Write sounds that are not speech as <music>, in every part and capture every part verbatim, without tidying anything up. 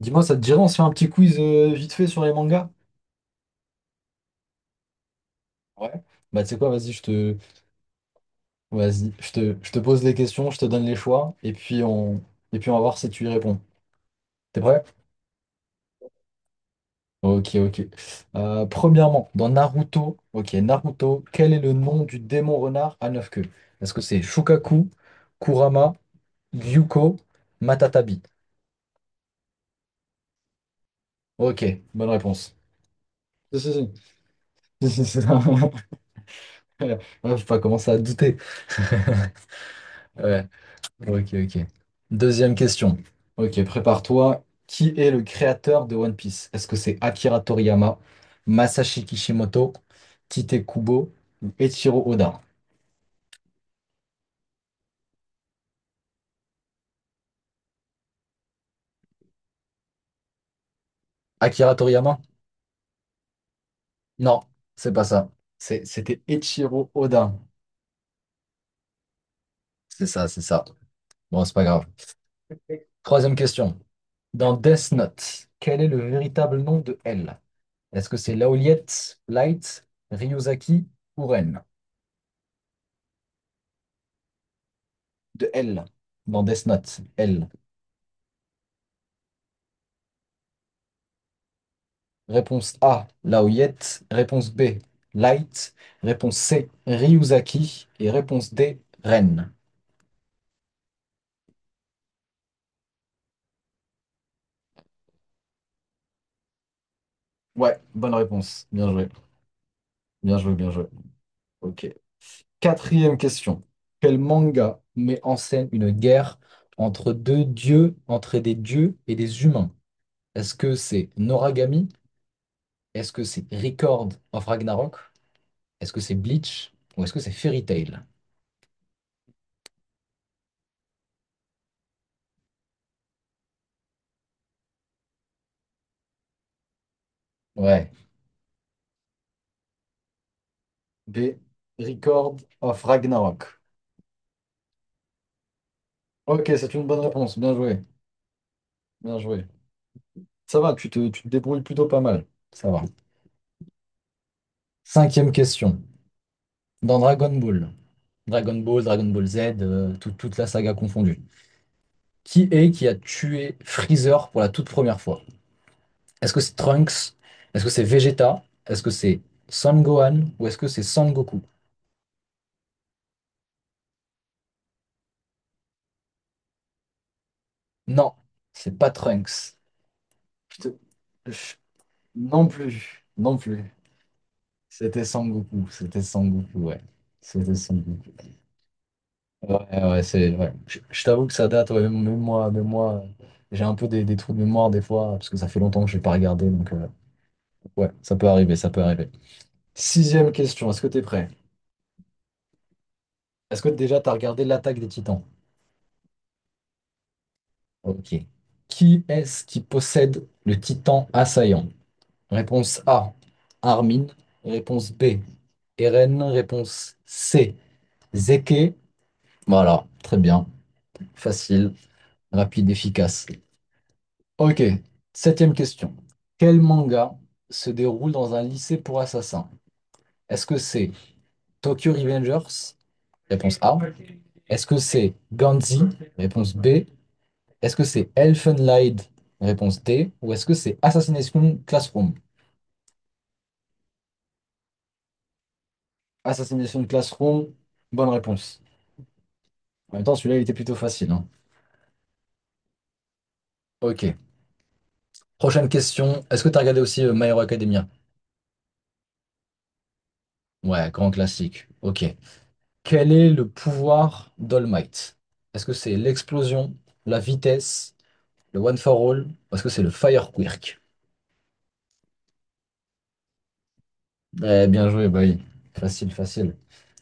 Dis-moi, ça te dirait, on se fait un petit quiz euh, vite fait sur les mangas? Ouais. Bah, tu sais quoi, vas-y, je te, vas-y, je te, je te pose les questions, je te donne les choix, et puis on, et puis on va voir si tu y réponds. T'es prêt? Ok, ok. Euh, premièrement, dans Naruto, ok, Naruto, quel est le nom du démon renard à neuf queues? Est-ce que c'est Shukaku, Kurama, Gyuko, Matatabi? Ok, bonne réponse. Si, si, si. <laughs> Si, si, si. <laughs> Ouais, faut pas commencer à douter. <laughs> Ouais. Ok, ok. Deuxième question. Ok, prépare-toi. Qui est le créateur de One Piece? Est-ce que c'est Akira Toriyama, Masashi Kishimoto, Tite Kubo ou Eiichiro Oda? Akira Toriyama? Non, c'est pas ça. C'est- C'était Eiichiro Oda. C'est ça, c'est ça. Bon, c'est pas grave. Troisième question. Dans Death Note, quel est le véritable nom de L? Est-ce que c'est Laoliette, Light, Ryuzaki ou Ren? De L. Dans Death Note, L. Réponse A, Laoyette. Réponse B, Light. Réponse C, Ryuzaki. Et réponse D, Ren. Ouais, bonne réponse. Bien joué. Bien joué, bien joué. Ok. Quatrième question. Quel manga met en scène une guerre entre deux dieux, entre des dieux et des humains? Est-ce que c'est Noragami? Est-ce que c'est Record of Ragnarok? Est-ce que c'est Bleach? Ou est-ce que c'est Fairy Tail? Ouais. B. Record of Ragnarok. Ok, c'est une bonne réponse. Bien joué. Bien joué. Ça va, tu te, tu te débrouilles plutôt pas mal. Ça va. Cinquième question. Dans Dragon Ball, Dragon Ball, Dragon Ball Z, euh, tout- toute la saga confondue, qui est qui a tué Freezer pour la toute première fois? Est-ce que c'est Trunks? Est-ce que c'est Vegeta? Est-ce que c'est Son Gohan? Ou est-ce que c'est Son Goku? Non, c'est pas Trunks. Je te- je- Non plus, non plus. C'était Son Goku, c'était Son Goku, ouais. C'était Son Goku. Ouais, ouais, c'est, ouais. Je, je t'avoue que ça date, ouais, même même moi, même moi, euh, j'ai un peu des, des trous de mémoire des fois, parce que ça fait longtemps que je n'ai pas regardé, donc euh, ouais, ça peut arriver, ça peut arriver. Sixième question, est-ce que tu es prêt? Est-ce que déjà tu as regardé l'Attaque des Titans? Ok. Qui est-ce qui possède le Titan assaillant? Réponse A, Armin. Réponse B, Eren. Réponse C, Zeke. Voilà, très bien, facile, rapide, efficace. Ok, septième question. Quel manga se déroule dans un lycée pour assassins? Est-ce que c'est Tokyo Revengers? Réponse A. Est-ce que c'est Gantz? Réponse B. Est-ce que c'est Elfenlied? Réponse D. Ou est-ce que c'est Assassination Classroom? Assassination Classroom, bonne réponse. En même temps, celui-là, il était plutôt facile, hein. Ok. Prochaine question. Est-ce que tu as regardé aussi euh, My Hero Academia? Ouais, grand classique. Ok. Quel est le pouvoir d'All Might? Est-ce que c'est l'explosion, la vitesse, le one for all? Ou est-ce que c'est le fire quirk? Eh, bien joué, bah oui. Facile, facile.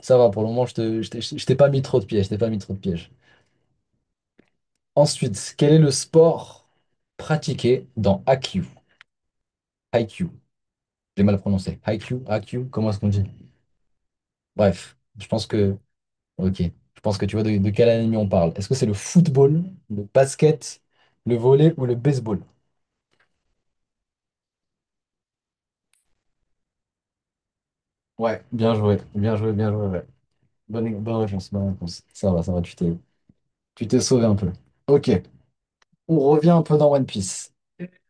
Ça va, pour le moment, je te, je t'ai je t'ai pas mis trop de pièges, je t'ai pas mis trop de pièges. Ensuite, quel est le sport pratiqué dans Haikyuu? Haikyuu. J'ai mal prononcé. Haikyuu, Haikyuu, comment est-ce qu'on dit? Bref, je pense que... Ok, je pense que tu vois de, de quel anime on parle. Est-ce que c'est le football, le basket, le volley ou le baseball? Ouais, bien joué, bien joué, bien joué, ouais. Bonne, bonne réponse, bonne réponse. Ça va, ça va, tu t'es, tu t'es sauvé un peu. Ok, on revient un peu dans One Piece.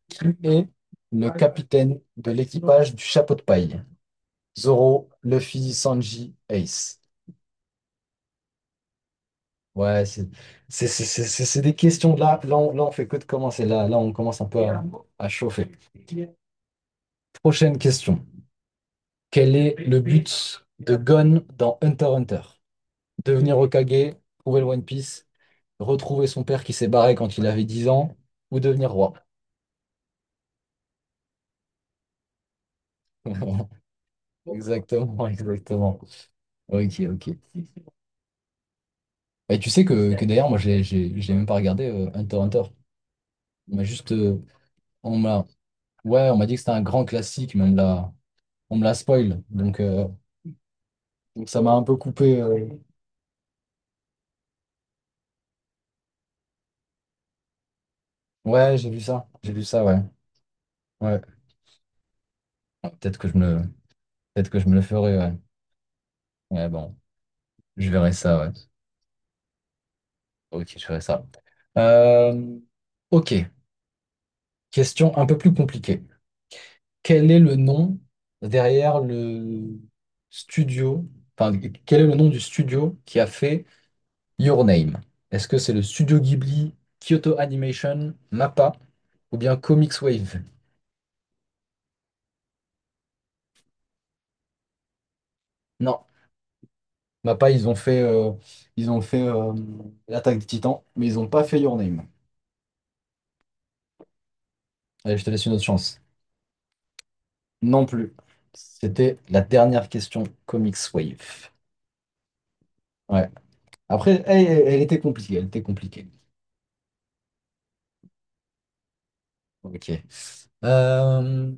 Qui est le capitaine de l'équipage du chapeau de paille? Zoro, Luffy, Sanji, Ace. Ouais, c'est c'est- c'est- c'est- c'est- c'est des questions de là. Là on, là, on fait que de commencer. Là, là, on commence un peu à, à chauffer. Prochaine question. Quel est le but de Gon dans Hunter x Hunter? Devenir Hokage, trouver le One Piece, retrouver son père qui s'est barré quand il avait dix ans, ou devenir roi. <laughs> Exactement, exactement. Ok, ok. Et tu sais que, que d'ailleurs, moi, j'ai j'ai- j'ai même pas regardé euh, Hunter x Hunter. On m'a juste. euh, on m'a, ouais, on m'a dit que c'était un grand classique, mais on me l'a on me l'a spoil. Donc, euh, donc ça m'a un peu coupé, euh. Ouais, j'ai vu ça. J'ai vu ça, ouais. Ouais. Ouais, Peut-être que je me, peut-être que je me le ferai, ouais. Ouais, bon. Je verrai ça, ouais. Ok, je ferai ça. Euh, ok. Question un peu plus compliquée. quel est le nom derrière le studio, enfin, Quel est le nom du studio qui a fait Your Name? Est-ce que c'est le studio Ghibli, Kyoto Animation, MAPPA ou bien Comics Wave? Non, MAPPA, ils ont fait, euh, ils ont fait euh, l'Attaque des Titans, mais ils n'ont pas fait Your Name. Allez, je te laisse une autre chance. Non plus. C'était la dernière question Comics Wave. Ouais. Après, elle, elle était compliquée, elle était compliquée. Ok. Euh,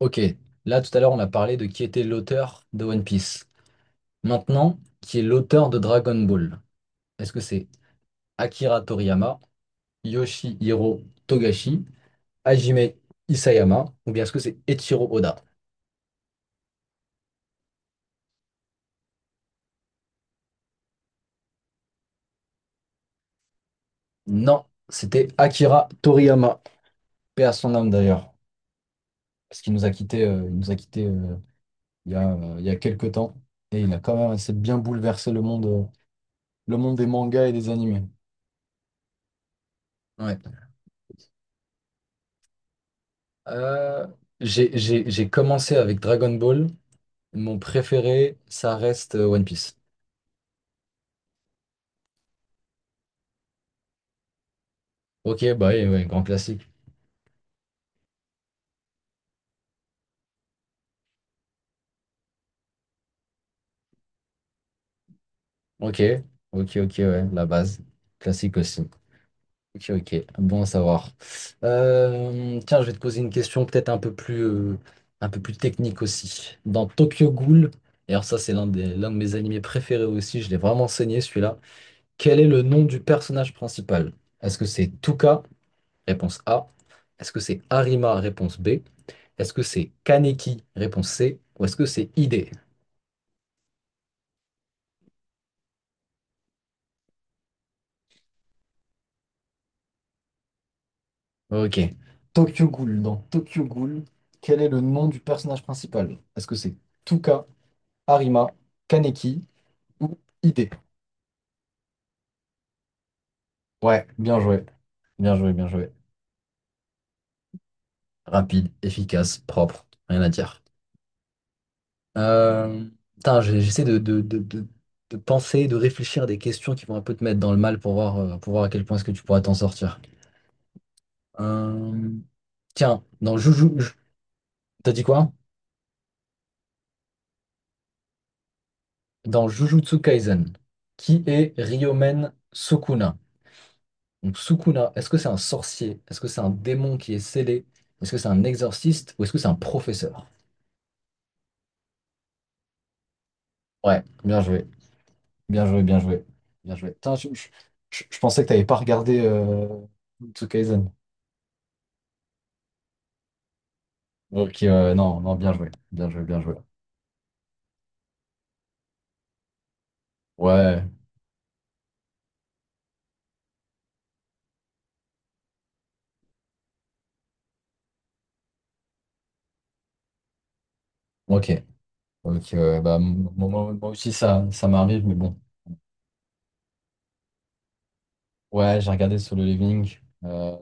ok, là tout à l'heure on a parlé de qui était l'auteur de One Piece. Maintenant, qui est l'auteur de Dragon Ball? Est-ce que c'est Akira Toriyama, Yoshihiro Togashi, Hajime Isayama ou bien est-ce que c'est Eiichiro Oda? Non, c'était Akira Toriyama. Paix à son âme d'ailleurs, parce qu'il nous a quittés, euh, il nous a quittés euh, il y a, euh, il y a quelques temps et il a quand même assez bien bouleversé le monde, euh, le monde des mangas et des animés. Ouais. Euh, j'ai j'ai- j'ai commencé avec Dragon Ball. Mon préféré, ça reste euh, One Piece. Ok, bah oui, ouais, grand classique. Ok, ok, ok, ouais, la base. Classique aussi. Ok, ok, bon à savoir. Euh, tiens, je vais te poser une question peut-être un peu plus, euh, un peu plus technique aussi. Dans Tokyo Ghoul, et alors ça c'est l'un des, l'un de mes animés préférés aussi, je l'ai vraiment saigné celui-là. Quel est le nom du personnage principal? Est-ce que c'est Tuka? Réponse A. Est-ce que c'est Harima? Réponse B. Est-ce que c'est Kaneki? Réponse C. Ou est-ce que c'est Ide? Ok. Tokyo Ghoul. Dans Tokyo Ghoul, quel est le nom du personnage principal? Est-ce que c'est Tuka, Harima, Kaneki ou Ide? Ouais, bien joué. Bien joué, bien joué. Rapide, efficace, propre. Rien à dire. Euh, putain, j'ai- j'essaie de, de, de, de- de penser, de réfléchir à des questions qui vont un peu te mettre dans le mal pour voir, euh, pour voir à quel point est-ce que tu pourras t'en sortir. Euh, tiens, dans Juju... Ju- T'as dit quoi? Dans Jujutsu Kaisen, qui est Ryomen Sukuna? Donc Sukuna, est-ce que c'est un sorcier? Est-ce que c'est un démon qui est scellé? Est-ce que c'est un exorciste ou est-ce que c'est un professeur? Ouais, bien joué, bien joué, bien joué, bien joué. Putain, je, je- je- je pensais que t'avais pas regardé euh, Jujutsu Kaisen. Ok, ouais, ouais, non, non, bien joué, bien joué, bien joué. Ouais, ok, ok, ouais, bah m- moi, moi- moi aussi ça, ça m'arrive, mais bon. Ouais, j'ai regardé Solo Leveling, euh,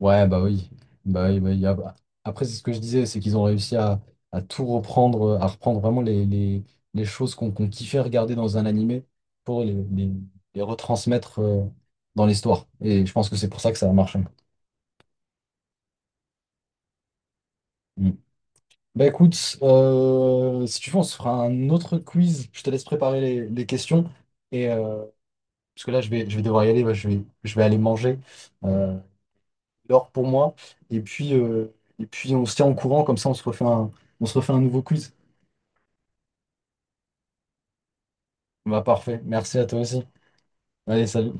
ouais, bah oui. Bah oui, bah oui. Ap- Après, c'est ce que je disais, c'est qu'ils ont réussi à, à tout reprendre, euh, à reprendre vraiment les, les, les choses qu'on qu'on kiffait regarder dans un animé pour les, les, les retransmettre euh, dans l'histoire. Et je pense que c'est pour ça que ça a marché. Mm. Bah écoute, euh, si tu veux, on se fera un autre quiz. Je te laisse préparer les, les questions. Et, euh, parce que là, je vais, je vais devoir y aller, bah, je vais, je vais aller manger. Euh, l'or pour moi. Et puis, euh, et puis on se tient en courant, comme ça on se refait un, on se refait un nouveau quiz. Bah parfait, merci à toi aussi. Allez, salut.